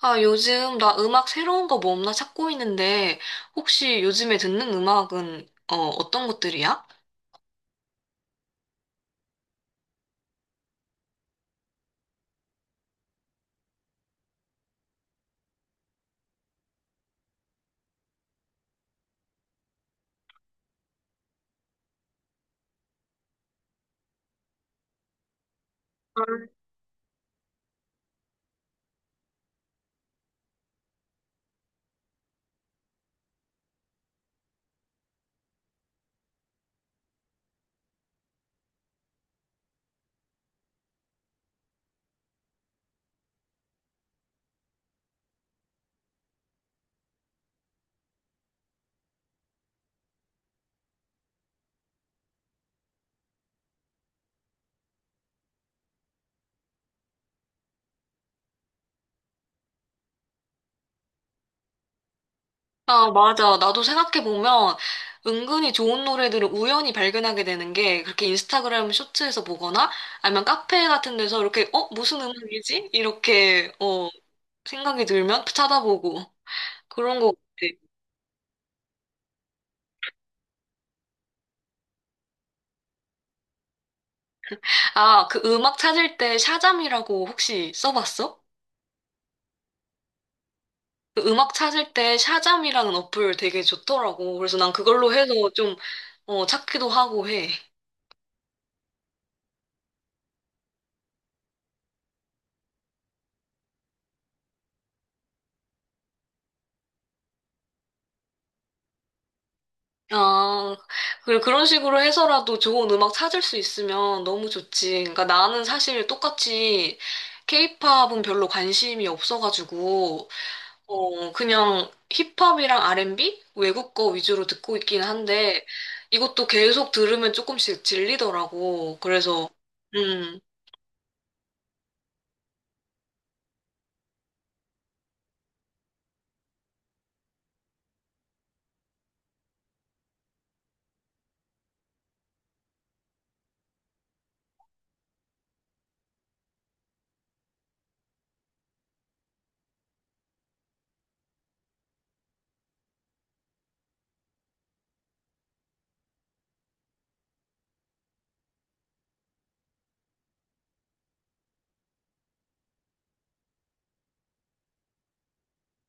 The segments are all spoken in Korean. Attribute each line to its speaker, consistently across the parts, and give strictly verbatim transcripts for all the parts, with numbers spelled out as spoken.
Speaker 1: 아, 요즘 나 음악 새로운 거 뭐 없나 찾고 있는데, 혹시 요즘에 듣는 음악은, 어, 어떤 것들이야? 아, 맞아. 나도 생각해보면, 은근히 좋은 노래들을 우연히 발견하게 되는 게, 그렇게 인스타그램 쇼츠에서 보거나, 아니면 카페 같은 데서 이렇게, 어, 무슨 음악이지? 이렇게, 어, 생각이 들면 찾아보고, 그런 거 같아. 아, 그 음악 찾을 때 샤잠이라고 혹시 써봤어? 그 음악 찾을 때 샤잠이라는 어플 되게 좋더라고. 그래서 난 그걸로 해서 좀, 어, 찾기도 하고 해. 아, 그- 그런 식으로 해서라도 좋은 음악 찾을 수 있으면 너무 좋지. 그러니까 나는 사실 똑같이 케이팝은 별로 관심이 없어가지고, 어, 그냥 힙합이랑 알앤비? 외국 거 위주로 듣고 있긴 한데, 이것도 계속 들으면 조금씩 질리더라고. 그래서, 음.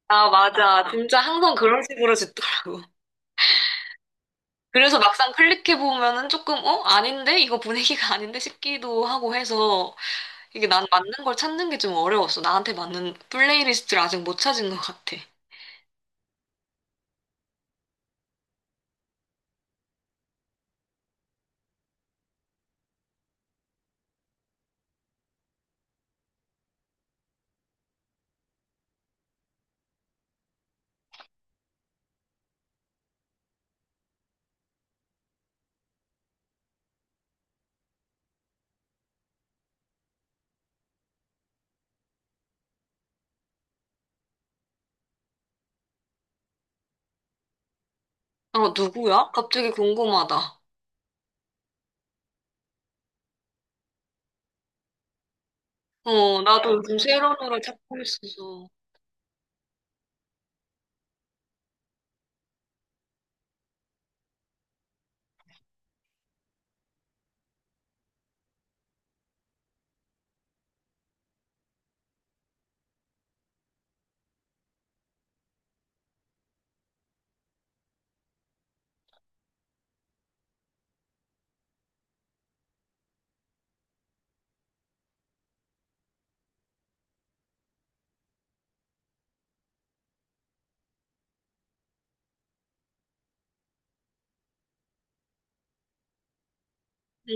Speaker 1: 아, 맞아. 진짜 항상 그런 식으로 듣더라고. 그래서 막상 클릭해보면은 조금, 어? 아닌데? 이거 분위기가 아닌데? 싶기도 하고 해서 이게 난 맞는 걸 찾는 게 좀 어려웠어. 나한테 맞는 플레이리스트를 아직 못 찾은 것 같아. 어, 누구야? 갑자기 궁금하다. 어, 나도 요즘 새로운 노래 찾고 있어서.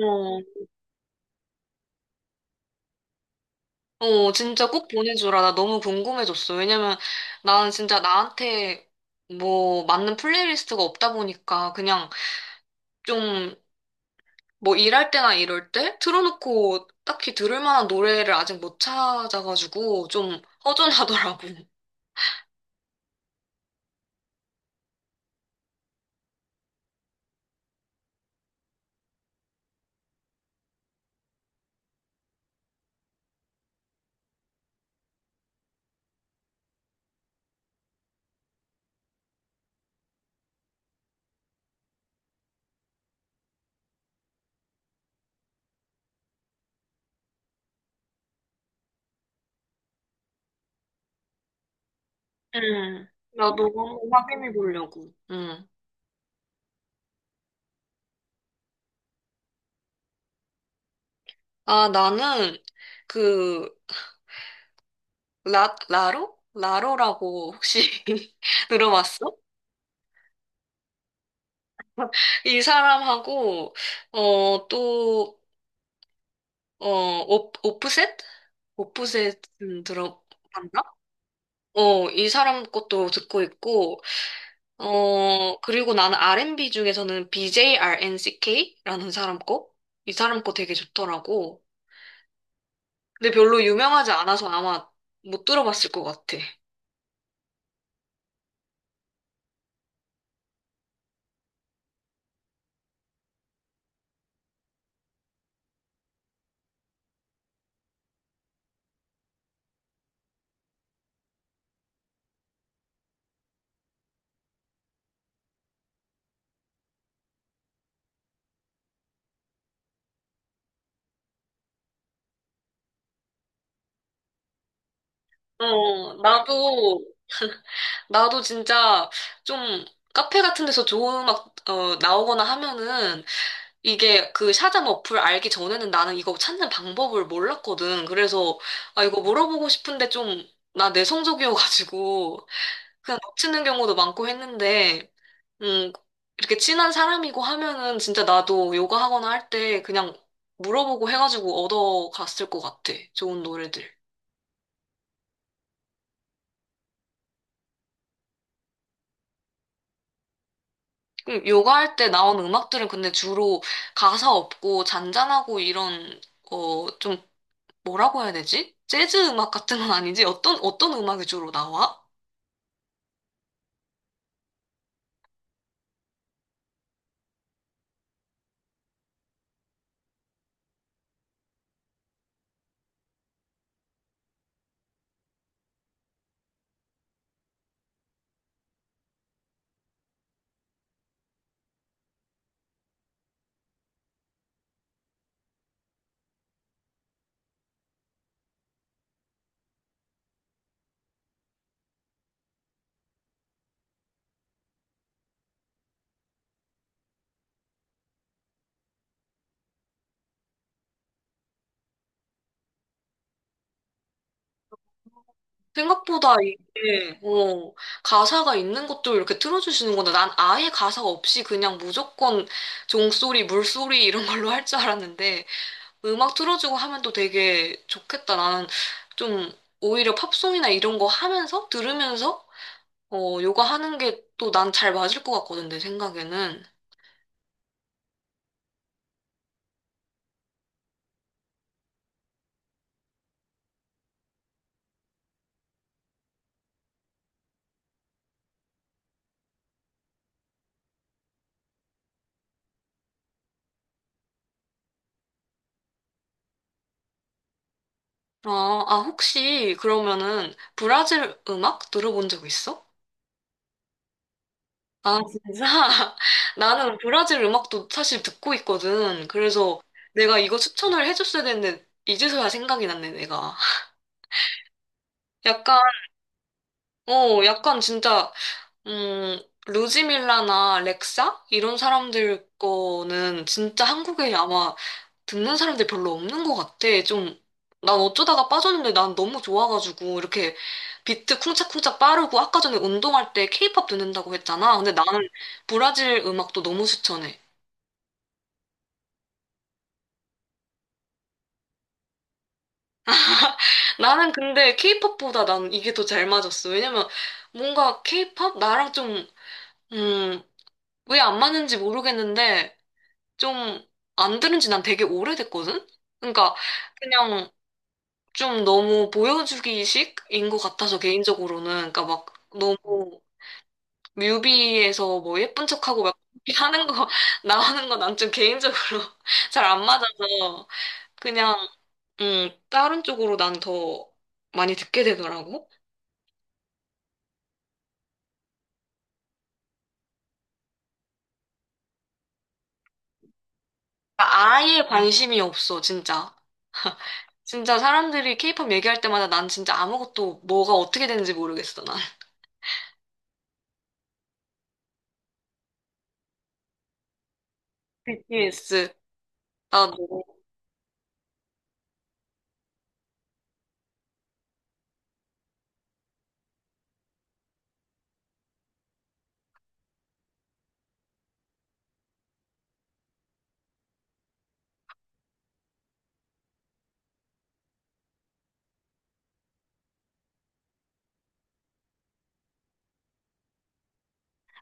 Speaker 1: 어, 어, 진짜 꼭 보내주라. 나 너무 궁금해졌어. 왜냐면 나는 진짜 나한테 뭐 맞는 플레이리스트가 없다 보니까 그냥 좀 뭐 일할 때나 이럴 때 틀어놓고 딱히 들을 만한 노래를 아직 못 찾아가지고 좀 허전하더라고. 음, 나도 한번 확인해 보려고. 음. 아, 나는 그 라, 라로? 라로라고 혹시 들어봤어? 이 사람하고 어, 또 어, 오, 프셋 오프셋 음, 들어봤나? 어, 이 사람 것도 듣고 있고 어, 그리고 나는 알앤비 중에서는 BJRNCK라는 사람 거? 이 사람 거 되게 좋더라고. 근데 별로 유명하지 않아서 아마 못 들어봤을 것 같아. 어, 나도, 나도 진짜 좀 카페 같은 데서 좋은 음악, 어, 나오거나 하면은 이게 그 샤잠 어플 알기 전에는 나는 이거 찾는 방법을 몰랐거든. 그래서, 아, 이거 물어보고 싶은데 좀, 나 내성적이어가지고 그냥 놓치는 경우도 많고 했는데, 음, 이렇게 친한 사람이고 하면은 진짜 나도 요가 하거나 할 때 그냥 물어보고 해가지고 얻어갔을 것 같아. 좋은 노래들. 음, 요가 할 때 나온 음악들은 근데 주로 가사 없고 잔잔하고 이런, 어, 좀 뭐라고 해야 되지? 재즈 음악 같은 건 아니지? 어떤, 어떤 음악이 주로 나와? 생각보다 이게, 어, 가사가 있는 것도 이렇게 틀어주시는 건데 난 아예 가사가 없이 그냥 무조건 종소리, 물소리 이런 걸로 할 줄 알았는데 음악 틀어주고 하면 또 되게 좋겠다. 나는 좀 오히려 팝송이나 이런 거 하면서 들으면서 어, 요가하는 게 또 난 잘 맞을 것 같거든, 내 생각에는. 아, 아, 혹시 그러면은 브라질 음악 들어본 적 있어? 아, 진짜? 나는 브라질 음악도 사실 듣고 있거든. 그래서 내가 이거 추천을 해줬어야 되는데, 이제서야 생각이 났네, 내가. 약간, 어, 약간 진짜 음, 루지밀라나 렉사? 이런 사람들 거는 진짜 한국에 아마 듣는 사람들 별로 없는 것 같아. 좀, 난 어쩌다가 빠졌는데 난 너무 좋아가지고, 이렇게 비트 쿵짝쿵짝 빠르고, 아까 전에 운동할 때 케이팝 듣는다고 했잖아. 근데 나는 브라질 음악도 너무 추천해. 나는 근데 케이팝보다 난 이게 더 잘 맞았어. 왜냐면 뭔가 케이팝? 나랑 좀, 음, 왜 안 맞는지 모르겠는데, 좀 안 들은 지 난 되게 오래됐거든? 그러니까 그냥 좀 너무 보여주기식인 것 같아서 개인적으로는 그러니까 막 너무 뮤비에서 뭐 예쁜 척하고 막 이렇게 하는 거 나오는 건 난 좀 개인적으로 잘 안 맞아서 그냥 음 다른 쪽으로 난 더 많이 듣게 되더라고. 그러니까 아예 관심이 없어 진짜. 진짜 사람들이 케이팝 얘기할 때마다 난 진짜 아무것도 뭐가 어떻게 되는지 모르겠어 난. 비티에스 나도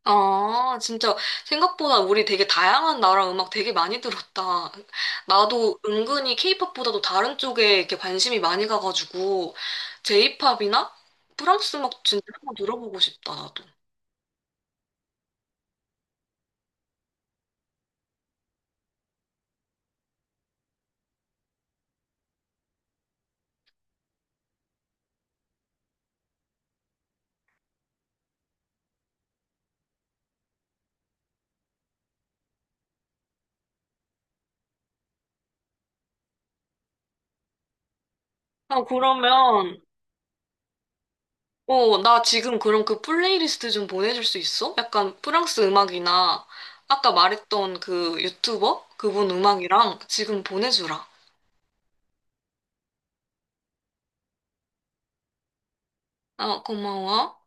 Speaker 1: 아, 진짜 생각보다 우리 되게 다양한 나라 음악 되게 많이 들었다. 나도 은근히 케이팝보다도 다른 쪽에 이렇게 관심이 많이 가가지고 제이팝이나 프랑스 음악 진짜 한번 들어보고 싶다, 나도. 아, 그러면 어, 나 지금 그럼 그 플레이리스트 좀 보내줄 수 있어? 약간 프랑스 음악이나 아까 말했던 그 유튜버 그분 음악이랑 지금 보내주라. 아, 고마워.